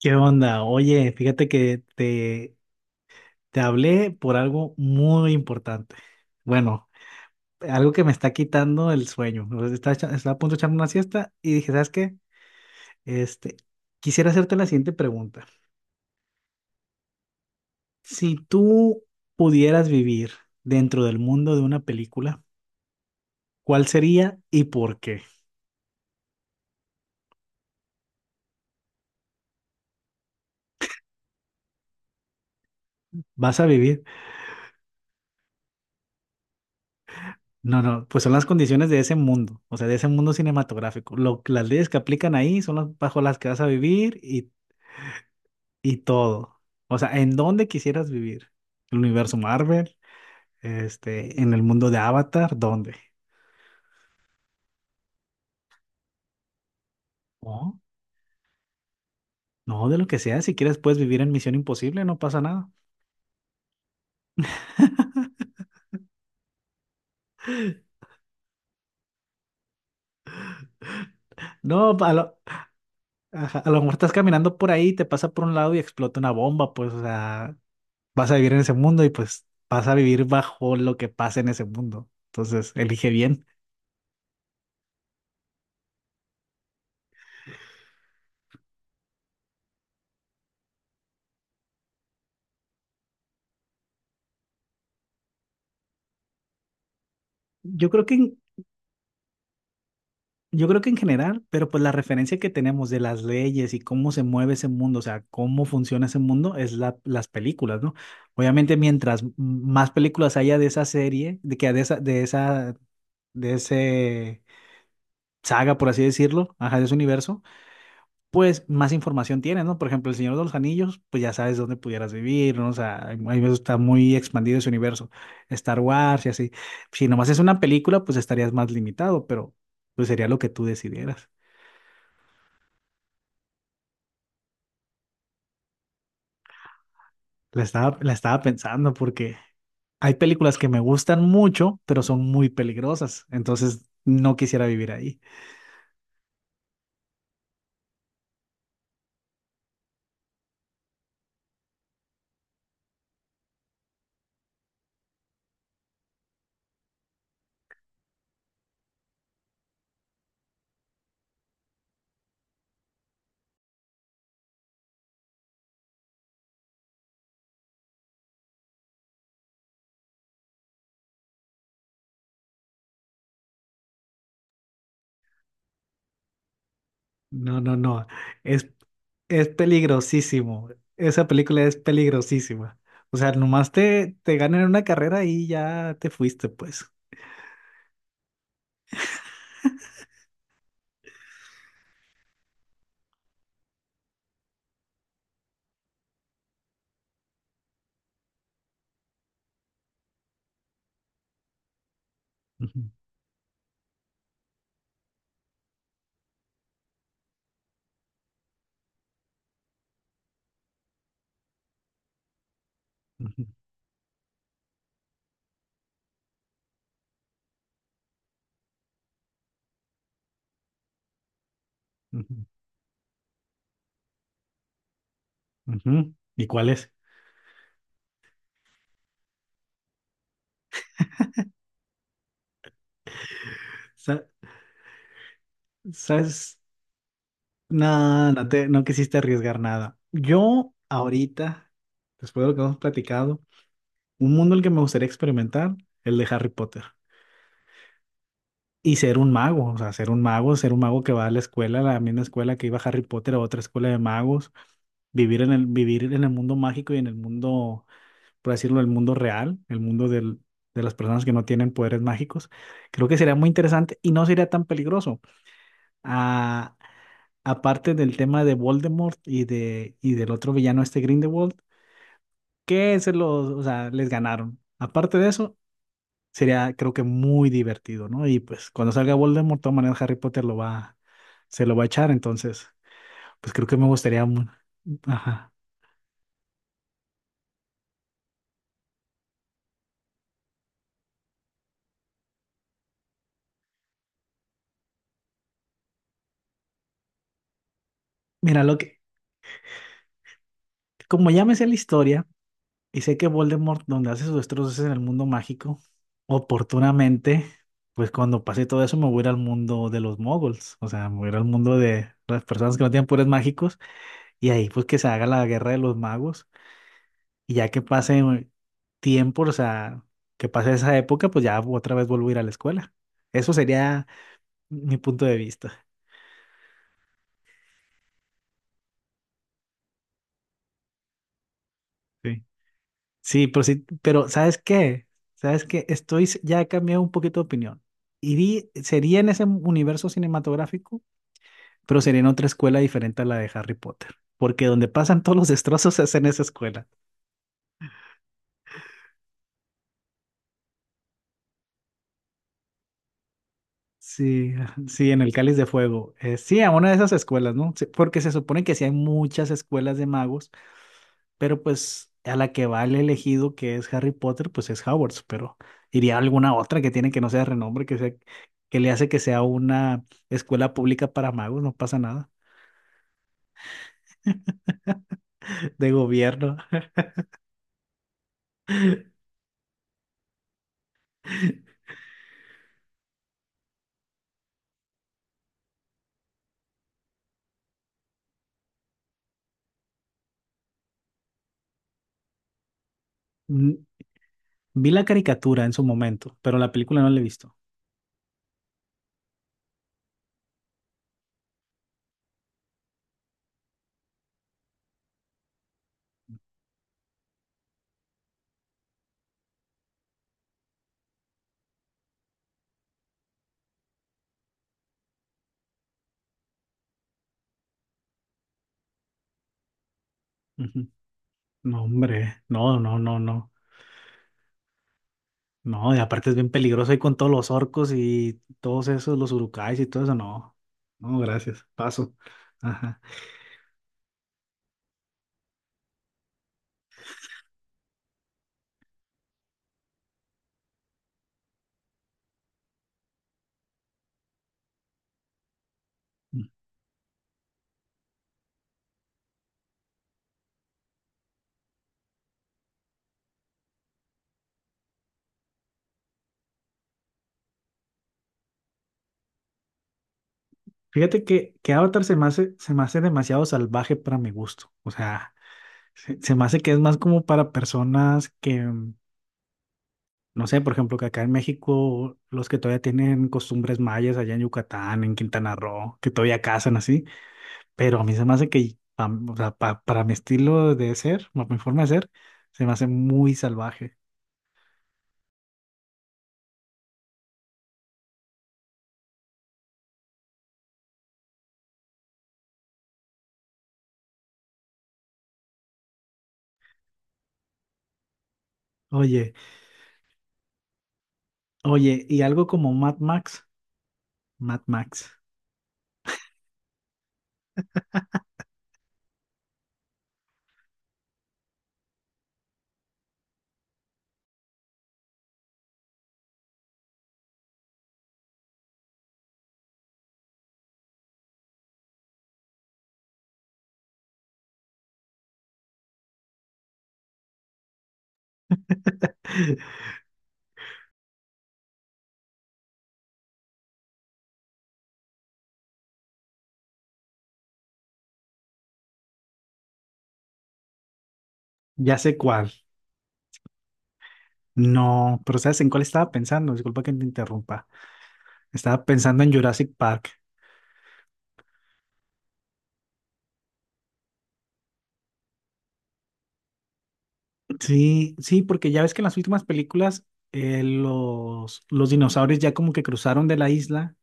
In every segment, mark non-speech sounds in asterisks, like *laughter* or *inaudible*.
¿Qué onda? Oye, fíjate que te hablé por algo muy importante. Bueno, algo que me está quitando el sueño. O sea, estaba, estaba a punto de echarme una siesta y dije, ¿sabes qué? Este, quisiera hacerte la siguiente pregunta. Si tú pudieras vivir dentro del mundo de una película, ¿cuál sería y por qué? ¿Vas a vivir? No, no, pues son las condiciones de ese mundo, o sea, de ese mundo cinematográfico. Las leyes que aplican ahí son las bajo las que vas a vivir y todo. O sea, ¿en dónde quisieras vivir? ¿El universo Marvel? ¿En el mundo de Avatar? ¿Dónde? No, no, de lo que sea. Si quieres, puedes vivir en Misión Imposible, no pasa nada. No, a lo, ajá, a lo mejor estás caminando por ahí, te pasa por un lado y explota una bomba, pues, o sea, vas a vivir en ese mundo y pues vas a vivir bajo lo que pasa en ese mundo. Entonces, elige bien. Yo creo que en- Yo creo que en general, pero pues la referencia que tenemos de las leyes y cómo se mueve ese mundo, o sea, cómo funciona ese mundo, es las películas, ¿no? Obviamente, mientras más películas haya de esa serie, de que de esa, de esa, de ese saga, por así decirlo, ajá, de ese universo, pues más información tienes, ¿no? Por ejemplo, El Señor de los Anillos, pues ya sabes dónde pudieras vivir, ¿no? O sea, hay veces está muy expandido ese universo. Star Wars y así. Si nomás es una película, pues estarías más limitado, pero pues sería lo que tú decidieras. La estaba pensando porque hay películas que me gustan mucho, pero son muy peligrosas. Entonces no quisiera vivir ahí. No, no, no. Es, es peligrosísimo. Esa película es peligrosísima. O sea, te ganan una carrera y ya te fuiste, pues. Ujú, ujú, ujú, ujú. ¿Y cuál es? Sa- ¿Sabes? No quisiste arriesgar nada. Yo ahorita, después de lo que hemos platicado, un mundo en el que me gustaría experimentar, el de Harry Potter. Y ser un mago, o sea, ser un mago que va a la escuela, a la misma escuela que iba Harry Potter, a otra escuela de magos, vivir en el mundo mágico y en el mundo, por decirlo, el mundo real, el mundo de las personas que no tienen poderes mágicos. Creo que sería muy interesante y no sería tan peligroso. Ah, aparte del tema de Voldemort y del otro villano este Grindelwald, que se los, o sea, les ganaron. Aparte de eso, sería, creo que, muy divertido, ¿no? Y pues cuando salga Voldemort, de todas maneras Harry Potter lo va se lo va a echar, entonces, pues creo que me gustaría ajá. Mira, lo que, como ya me sé la historia y sé que Voldemort donde hace sus destrozos es en el mundo mágico, oportunamente, pues cuando pase todo eso me voy a ir al mundo de los moguls, o sea, me voy a ir al mundo de las personas que no tienen poderes mágicos. Y ahí pues que se haga la guerra de los magos y ya que pase tiempo, o sea, que pase esa época, pues ya otra vez vuelvo a ir a la escuela. Eso sería mi punto de vista. Sí. Sí, pero ¿sabes qué? ¿Sabes qué? Ya he cambiado un poquito de opinión. Sería en ese universo cinematográfico, pero sería en otra escuela diferente a la de Harry Potter, porque donde pasan todos los destrozos es en esa escuela. Sí, *laughs* ajá, sí, en el Cáliz de Fuego. Sí, a una de esas escuelas, ¿no? Sí, porque se supone que sí hay muchas escuelas de magos, pero pues a la que va el elegido, que es Harry Potter, pues es Hogwarts, pero iría a alguna otra que tiene, que no sea de renombre, que sea, que le hace que sea una escuela pública para magos, no pasa nada, *laughs* de gobierno. *laughs* Mm, vi la caricatura en su momento, pero la película no la he visto. Ujú. No, hombre, no, no, no, no. No, y aparte es bien peligroso ahí con todos los orcos y todos esos, los urukais y todo eso. No, no, gracias. Paso. Ajá. Mm. Fíjate que Avatar se me hace demasiado salvaje para mi gusto. O sea, se me hace que es más como para personas que, mm, no sé, por ejemplo, que acá en México, los que todavía tienen costumbres mayas allá en Yucatán, en Quintana Roo, que todavía cazan así. Pero a mí se me hace que, pam, o sea, para mi estilo de ser, para mi forma de ser, se me hace muy salvaje. Oye. Oye, y algo como Mad Max, Mad Max, ya sé cuál. No, pero ¿sabes en cuál estaba pensando? Disculpa que te interrumpa. Estaba pensando en Jurassic Park. Sí, sí, porque ya ves que en las últimas películas los dinosaurios ya como que cruzaron de la isla.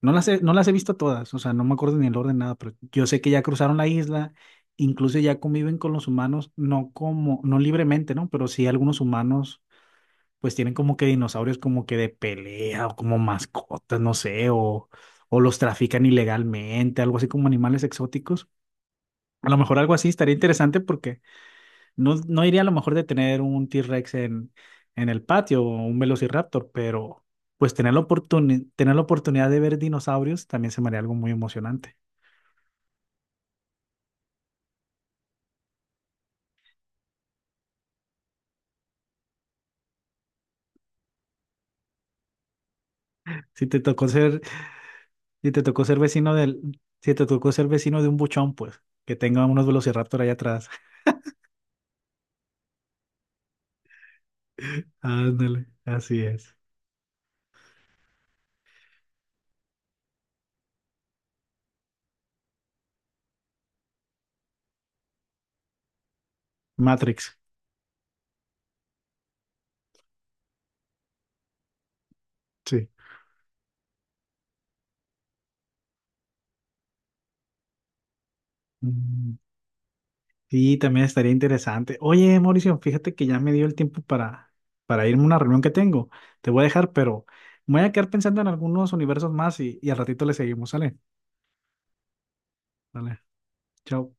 No las he visto todas, o sea, no me acuerdo ni el orden, nada, pero yo sé que ya cruzaron la isla, incluso ya conviven con los humanos, no como, no libremente, ¿no? Pero sí algunos humanos pues tienen como que dinosaurios como que de pelea o como mascotas, no sé, o los trafican ilegalmente, algo así como animales exóticos. A lo mejor algo así estaría interesante, porque no, no iría a lo mejor de tener un T-Rex en el patio o un Velociraptor, pero pues tener tener la oportunidad de ver dinosaurios también se me haría algo muy emocionante. Si te tocó ser, si te tocó ser vecino del, si te tocó ser vecino de un buchón, pues que tenga unos Velociraptor ahí atrás. *laughs* Ándale, así es. Matrix. Sí. Mm, sí, también estaría interesante. Oye, Mauricio, fíjate que ya me dio el tiempo para irme a una reunión que tengo. Te voy a dejar, pero me voy a quedar pensando en algunos universos más y al ratito le seguimos. Sale, sale. Chao.